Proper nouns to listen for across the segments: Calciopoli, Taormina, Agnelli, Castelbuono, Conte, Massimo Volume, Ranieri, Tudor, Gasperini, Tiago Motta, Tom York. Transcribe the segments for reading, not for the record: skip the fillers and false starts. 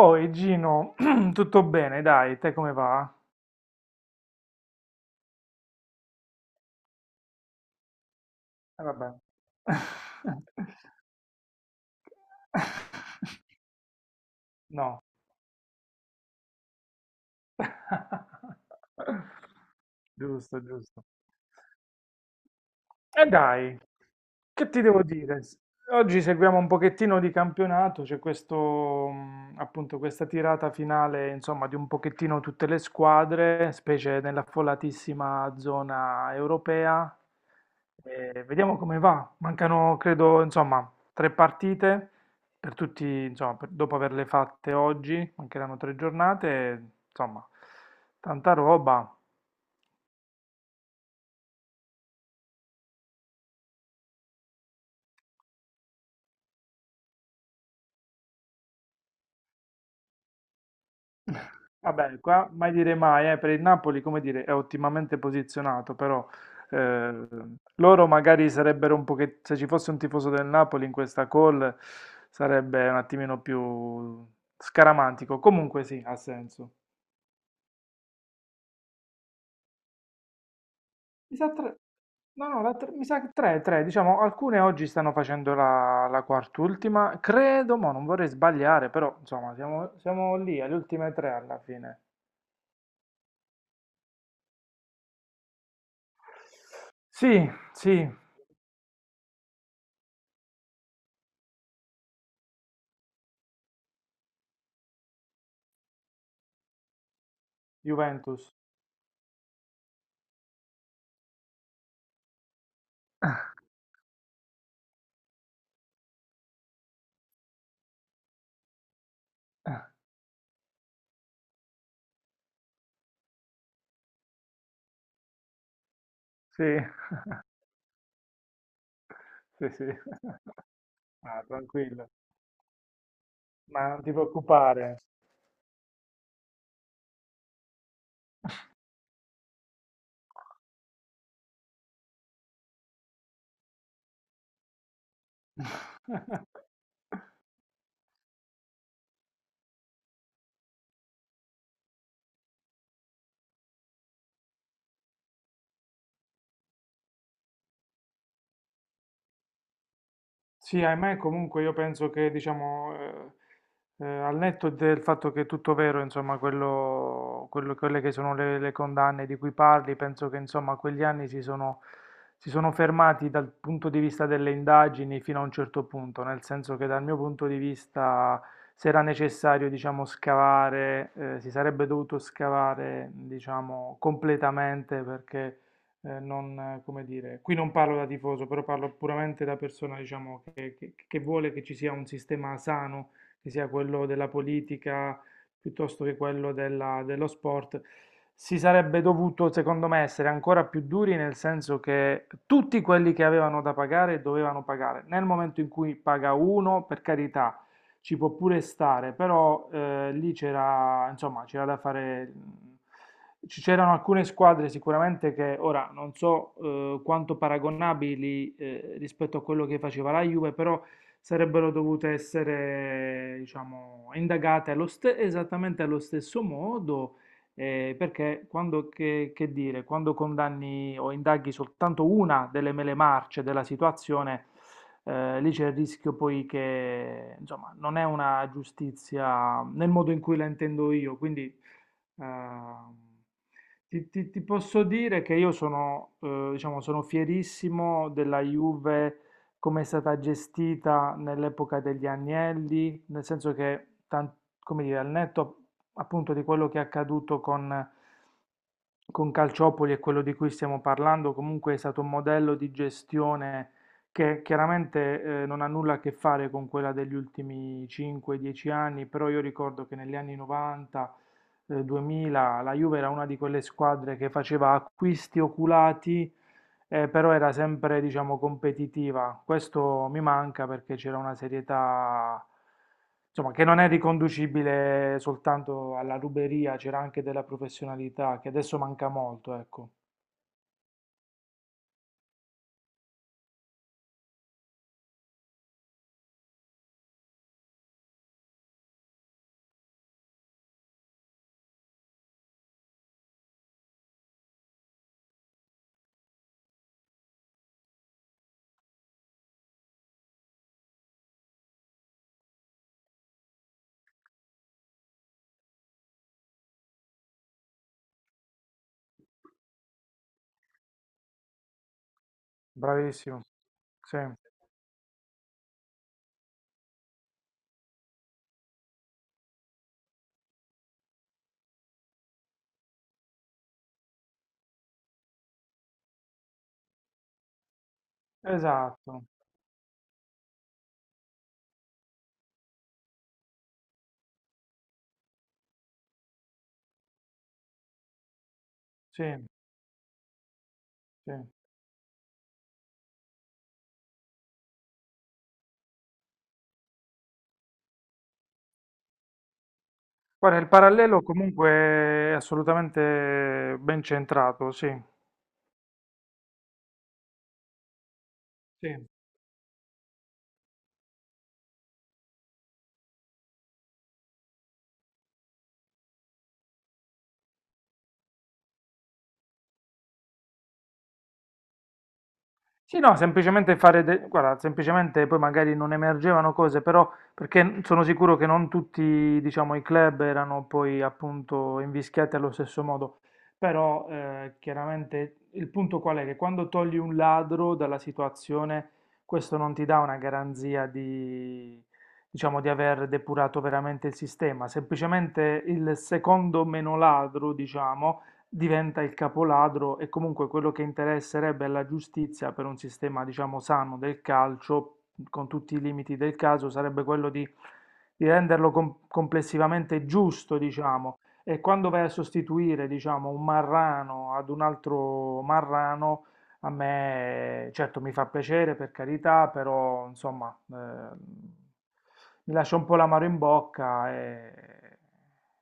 Oi Gino, tutto bene, dai, te come va? Vabbè. No. Giusto, giusto. E dai, che ti devo dire? Oggi seguiamo un pochettino di campionato, c'è questo, appunto, questa tirata finale, insomma, di un pochettino tutte le squadre, specie nell'affollatissima zona europea. E vediamo come va. Mancano, credo, insomma, tre partite per tutti, insomma, dopo averle fatte oggi, mancheranno tre giornate, insomma, tanta roba. Vabbè, qua mai dire mai, per il Napoli, come dire, è ottimamente posizionato, però eh, loro magari sarebbero un po' che se ci fosse un tifoso del Napoli in questa call sarebbe un attimino più scaramantico. Comunque sì, ha senso. Mi sa tre, no, no, mi sa che tre, diciamo, alcune oggi stanno facendo la quart'ultima, credo, ma non vorrei sbagliare, però insomma, siamo lì, alle ultime tre alla fine. Sì, sì, Juventus. Sì. Sì, sì, ah, tranquillo, ma non ti preoccupare. Sì, ahimè, comunque io penso che, diciamo, al netto del fatto che è tutto vero, insomma, quelle che sono le condanne di cui parli, penso che, insomma, quegli anni si sono fermati dal punto di vista delle indagini fino a un certo punto, nel senso che dal mio punto di vista, se era necessario, diciamo, scavare, si sarebbe dovuto scavare, diciamo, completamente perché non, come dire, qui non parlo da tifoso, però parlo puramente da persona, diciamo, che vuole che ci sia un sistema sano, che sia quello della politica piuttosto che quello dello sport. Si sarebbe dovuto, secondo me, essere ancora più duri nel senso che tutti quelli che avevano da pagare dovevano pagare. Nel momento in cui paga uno, per carità, ci può pure stare, però lì c'era, insomma, c'era da fare... C'erano alcune squadre sicuramente che ora non so quanto paragonabili rispetto a quello che faceva la Juve, però sarebbero dovute essere, diciamo, indagate esattamente allo stesso modo perché quando, che dire, quando condanni o indaghi soltanto una delle mele marce della situazione, lì c'è il rischio poi che, insomma, non è una giustizia nel modo in cui la intendo io, quindi... Ehm, ti posso dire che io sono, diciamo, sono fierissimo della Juve come è stata gestita nell'epoca degli Agnelli, nel senso che, come dire, al netto appunto di quello che è accaduto con Calciopoli e quello di cui stiamo parlando, comunque è stato un modello di gestione che chiaramente non ha nulla a che fare con quella degli ultimi 5-10 anni, però io ricordo che negli anni 90, 2000, la Juve era una di quelle squadre che faceva acquisti oculati però era sempre, diciamo, competitiva. Questo mi manca perché c'era una serietà, insomma, che non è riconducibile soltanto alla ruberia, c'era anche della professionalità, che adesso manca molto, ecco. Bravissimo. Sì, esatto. Sì, sì. Guarda, il parallelo comunque è assolutamente ben centrato, sì. Sì. Sì, no, semplicemente fare, guarda, semplicemente poi magari non emergevano cose, però perché sono sicuro che non tutti, diciamo, i club erano poi appunto invischiati allo stesso modo, però chiaramente il punto qual è? Che quando togli un ladro dalla situazione, questo non ti dà una garanzia di, diciamo, di aver depurato veramente il sistema, semplicemente il secondo meno ladro, diciamo, diventa il capoladro e comunque quello che interesserebbe alla giustizia per un sistema, diciamo, sano del calcio, con tutti i limiti del caso, sarebbe quello di renderlo complessivamente giusto, diciamo. E quando vai a sostituire, diciamo, un marrano ad un altro marrano, a me, certo, mi fa piacere per carità, però insomma, mi lascia un po' l'amaro in bocca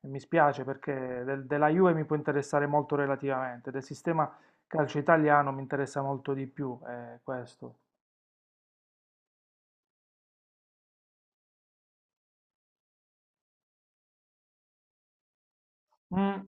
e mi spiace perché della Juve mi può interessare molto relativamente, del sistema calcio italiano mi interessa molto di più, questo. Mm.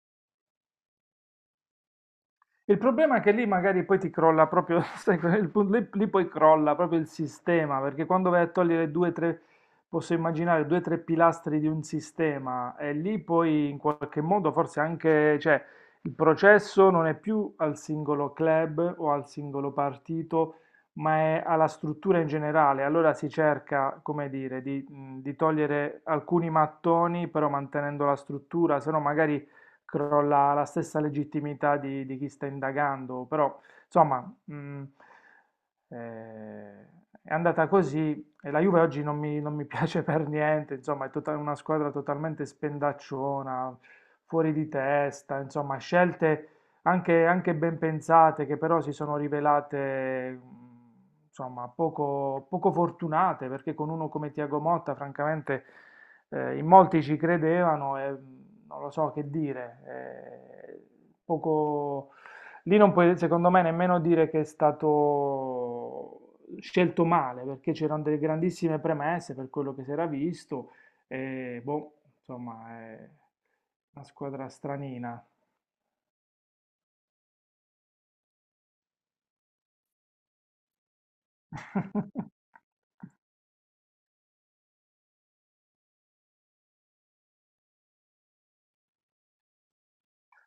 Il problema è che lì magari poi ti crolla proprio, sai, lì poi crolla proprio il sistema, perché quando vai a togliere due, tre, posso immaginare due, tre pilastri di un sistema, e lì poi in qualche modo forse anche, cioè, il processo non è più al singolo club o al singolo partito, ma è alla struttura in generale. Allora si cerca, come dire, di togliere alcuni mattoni, però mantenendo la struttura, se no magari crolla la stessa legittimità di chi sta indagando, però insomma mh, eh, è andata così e la Juve oggi non mi piace per niente, insomma una squadra totalmente spendacciona, fuori di testa, insomma scelte anche ben pensate che però si sono rivelate... Insomma, poco fortunate perché con uno come Tiago Motta, francamente, in molti ci credevano e non lo so che dire. eh, poco... Lì non puoi, secondo me, nemmeno dire che è stato scelto male, perché c'erano delle grandissime premesse per quello che si era visto. E boh, insomma, è una squadra stranina.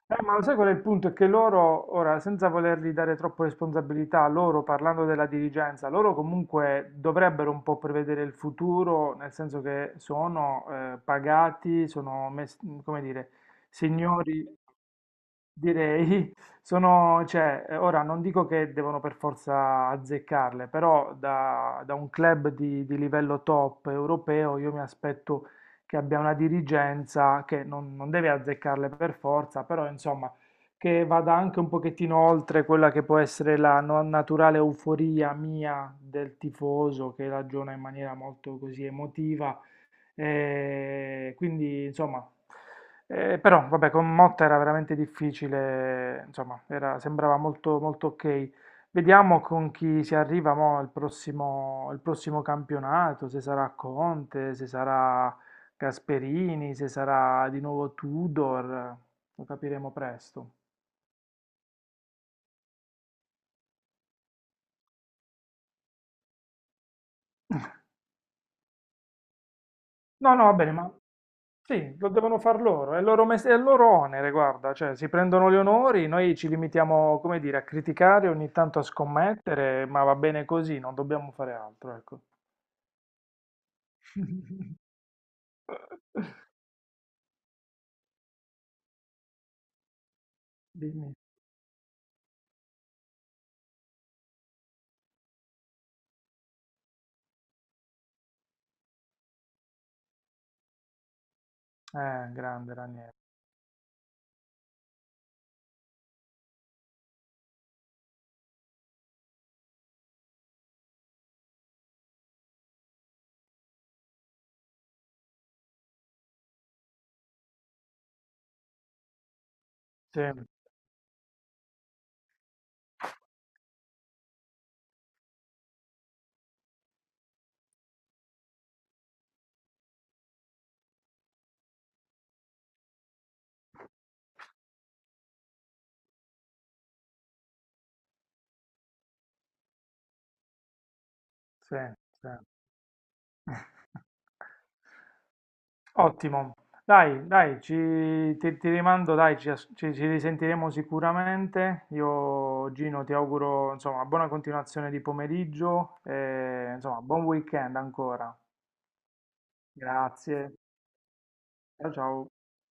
Ma lo sai qual è il punto? È che loro, ora, senza volergli dare troppe responsabilità, loro, parlando della dirigenza, loro comunque dovrebbero un po' prevedere il futuro, nel senso che sono pagati, come dire, signori, direi, sono, cioè, ora non dico che devono per forza azzeccarle, però da un club di livello top europeo io mi aspetto che abbia una dirigenza che non, non deve azzeccarle per forza, però insomma che vada anche un pochettino oltre quella che può essere la no- naturale euforia mia del tifoso che ragiona in maniera molto così emotiva e quindi, insomma, però, vabbè, con Motta era veramente difficile, insomma, sembrava molto, molto ok. Vediamo con chi si arriva mo il prossimo campionato, se sarà Conte, se sarà Gasperini, se sarà di nuovo Tudor, lo capiremo presto. No, no, va bene, ma... Sì, lo devono far loro, è il loro, è il loro onere, guarda, cioè si prendono gli onori, noi ci limitiamo, come dire, a criticare, ogni tanto a scommettere, ma va bene così, non dobbiamo fare altro, ecco. Dimmi. Grande Ranieri. Sì, sì, sì. Ottimo. Dai, dai, ci, ti rimando, dai, ci, as- ci- ci risentiremo sicuramente. Io, Gino, ti auguro, insomma, buona continuazione di pomeriggio e, insomma, buon weekend ancora. Grazie, ciao ciao.